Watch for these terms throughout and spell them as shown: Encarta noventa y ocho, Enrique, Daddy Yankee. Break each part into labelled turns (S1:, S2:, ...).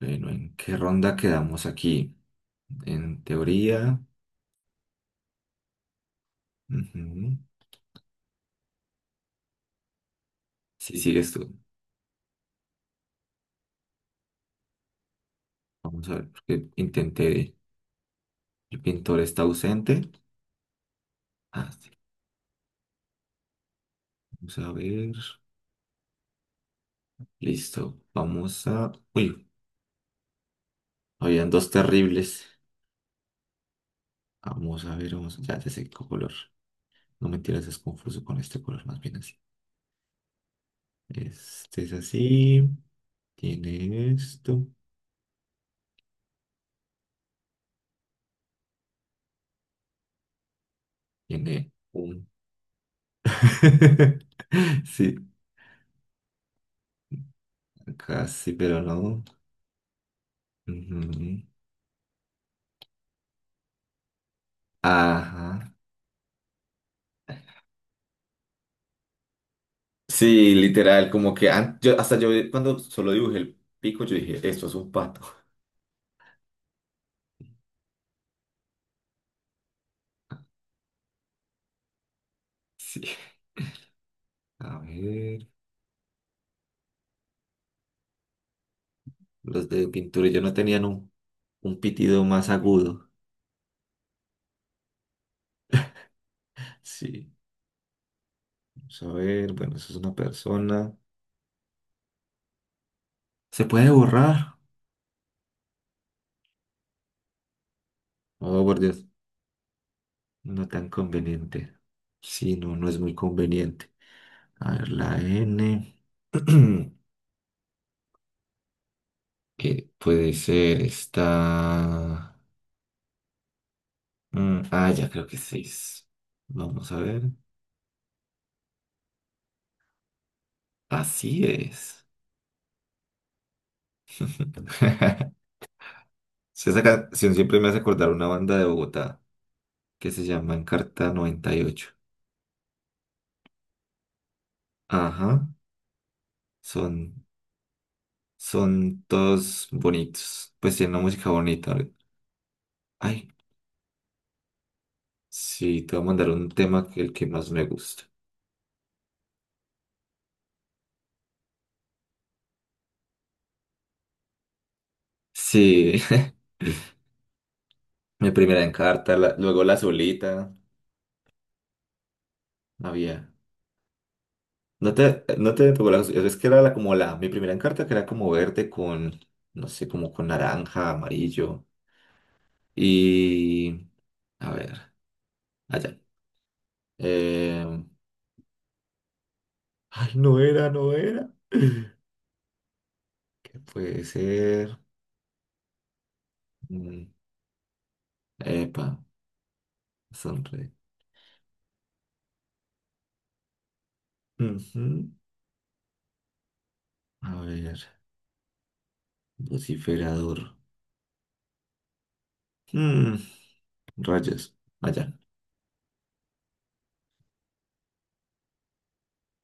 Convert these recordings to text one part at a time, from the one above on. S1: Bueno, ¿en qué ronda quedamos aquí? En teoría. Ujú. Si sigues tú. Vamos a ver, porque intenté. El pintor está ausente. Ah, sí, vamos a ver. Listo. Vamos a. Uy, habían dos terribles. Vamos a ver, vamos. Ya, ya sé qué color. No mentiras, es confuso con este color, más bien así. Este es así. Tiene esto. Tiene un. Sí, casi, pero no. Ujú. Ajá. Sí, literal, como que yo, hasta yo cuando solo dibujé el pico, yo dije, esto es un pato. Sí. A ver, los de pintura yo no tenían un pitido más agudo. Sí, vamos a ver, bueno, eso es una persona. ¿Se puede borrar? Oh, por Dios, no tan conveniente. Sí, no, no es muy conveniente. A ver, la N, que puede ser esta. Ah, ya creo que seis. Vamos a ver. Así es. Sí, esa canción siempre me hace acordar una banda de Bogotá que se llama Encarta 98. Ajá, son, son todos bonitos. Pues tienen una música bonita. A ver. Ay, sí, te voy a mandar un tema que el que más me gusta. Sí, mi primera Encarta, luego la solita. Había. No te pegó la, es que era la, como la, mi primera encarta que era como verde con, no sé, como con naranja, amarillo y, a ver, allá. Eh, ay, no era, no era. ¿Qué puede ser? Mm, epa, sonre. Ujú. A ver, vociferador. Mm, rayos, allá.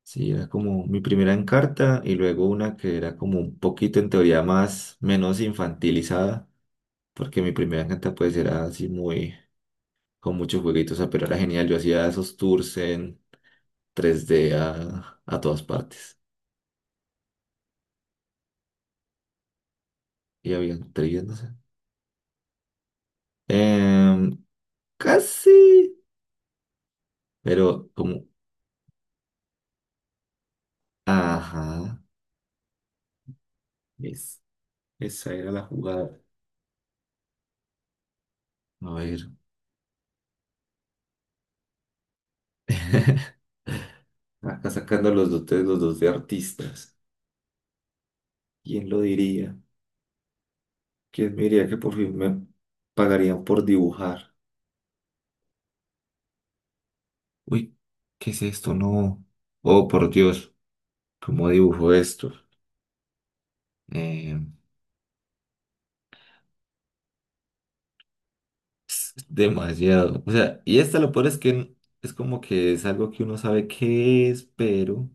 S1: Sí, era como mi primera encarta y luego una que era como un poquito en teoría más, menos infantilizada. Porque mi primera canta pues era así muy, con muchos jueguitos, o sea, pero era genial. Yo hacía esos tours en 3D a todas partes. Y había trillas, no sé. Em, casi, pero como, ajá, es, esa era la jugada. A ver, acá sacando los dos de artistas. ¿Quién lo diría? ¿Quién me diría que por fin me pagarían por dibujar? Uy, ¿qué es esto? No. Oh, por Dios, ¿cómo dibujo esto? Em, Demasiado. O sea, y esta lo peor es que es como que es algo que uno sabe qué es, pero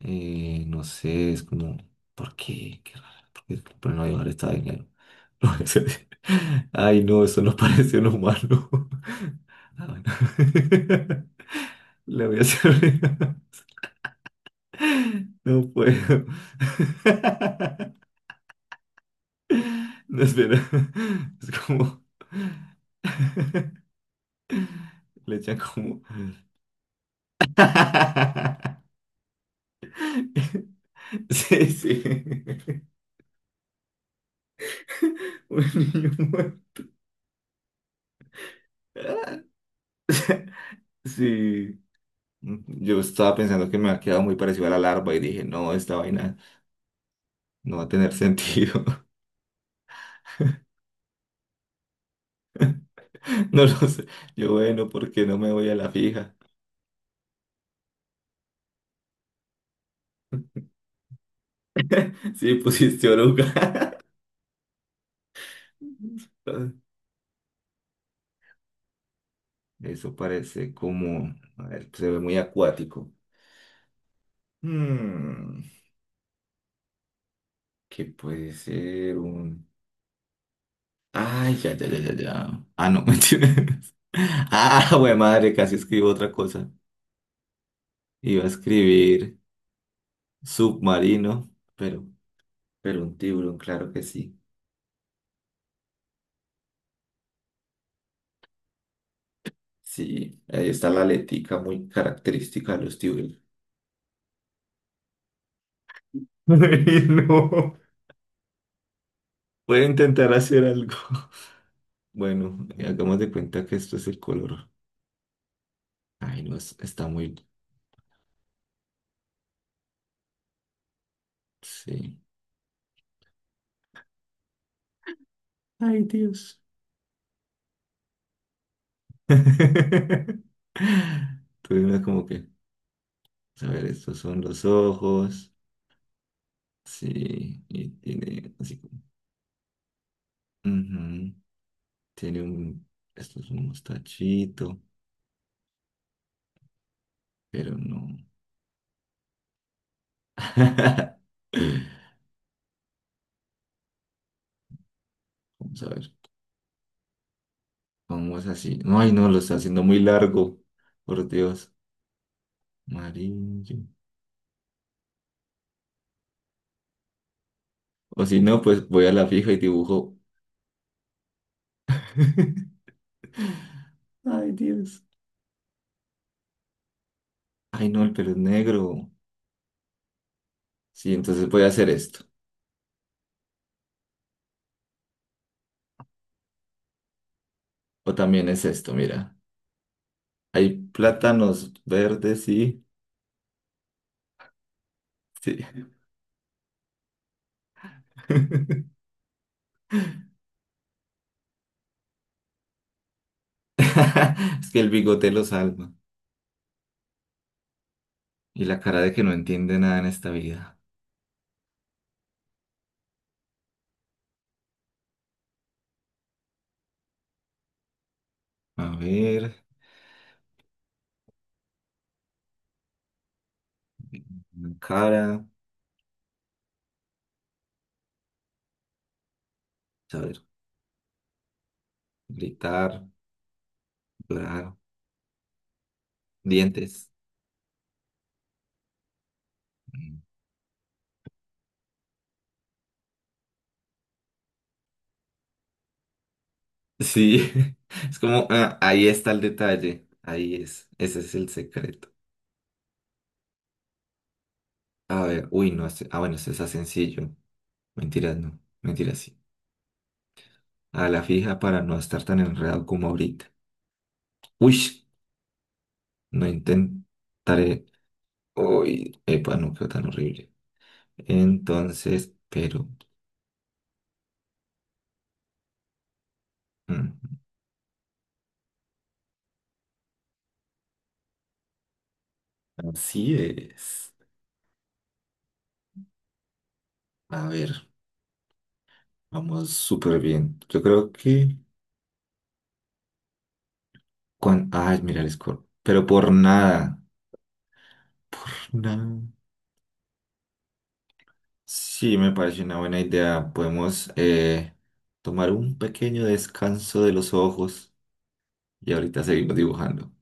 S1: no sé, es como, ¿por qué? Qué raro, ¿por qué es que le ponen llevar esta vaina? No. Ay, no, eso no parece un humano. Ah, bueno. Le voy a hacer. No puedo. No, espera. Es como. Le echan como. Sí, sí. Un niño muerto. Sí. Yo estaba pensando que me ha quedado muy parecido a la larva y dije, no, esta vaina no va a tener sentido. No lo sé. Bueno, ¿por qué no me voy a la fija? Sí, pusiste oruga. Eso parece como, a ver, se ve muy acuático. Hmm, ¿Qué puede ser un? Ay, ya, ya, ya, ya, ya. Ah, no, mentiras. Ah, güey, madre, casi escribo otra cosa. Iba a escribir submarino, pero, pero un tiburón, claro que sí. Sí, ahí está la aletica muy característica de los tiburones. Ay, no. Voy a intentar hacer algo. Bueno, hagamos de cuenta que esto es el color. Ay, no, está muy. Sí. Ay, Dios. Tuve una como que. A ver, estos son los ojos. Sí, y tiene así como. Ujú. Tiene un. Esto es un mostachito, pero no. Vamos a ver. Vamos así. No, ay, no, lo está haciendo muy largo. Por Dios. Amarillo. O si no, pues voy a la fija y dibujo. Ay, Dios. Ay, no, el pelo es negro. Sí, entonces voy a hacer esto. O también es esto, mira. Hay plátanos verdes, sí. Sí. Es que el bigote lo salva. Y la cara de que no entiende nada en esta vida. A ver, cara, a ver, gritar, llorar. Dientes. Sí, es como, ah, ahí está el detalle, ahí es, ese es el secreto. A ver, uy, no, ah, bueno, este está sencillo. Mentiras, no, mentiras, sí. A la fija para no estar tan enredado como ahorita. Uy, no intentaré. Uy, epa, no quedó tan horrible. Entonces, pero, mm, así es. A ver, vamos súper bien. Yo creo que, ay, mira el score, pero por nada, por nada. Sí, me parece una buena idea. Podemos tomar un pequeño descanso de los ojos y ahorita seguimos dibujando.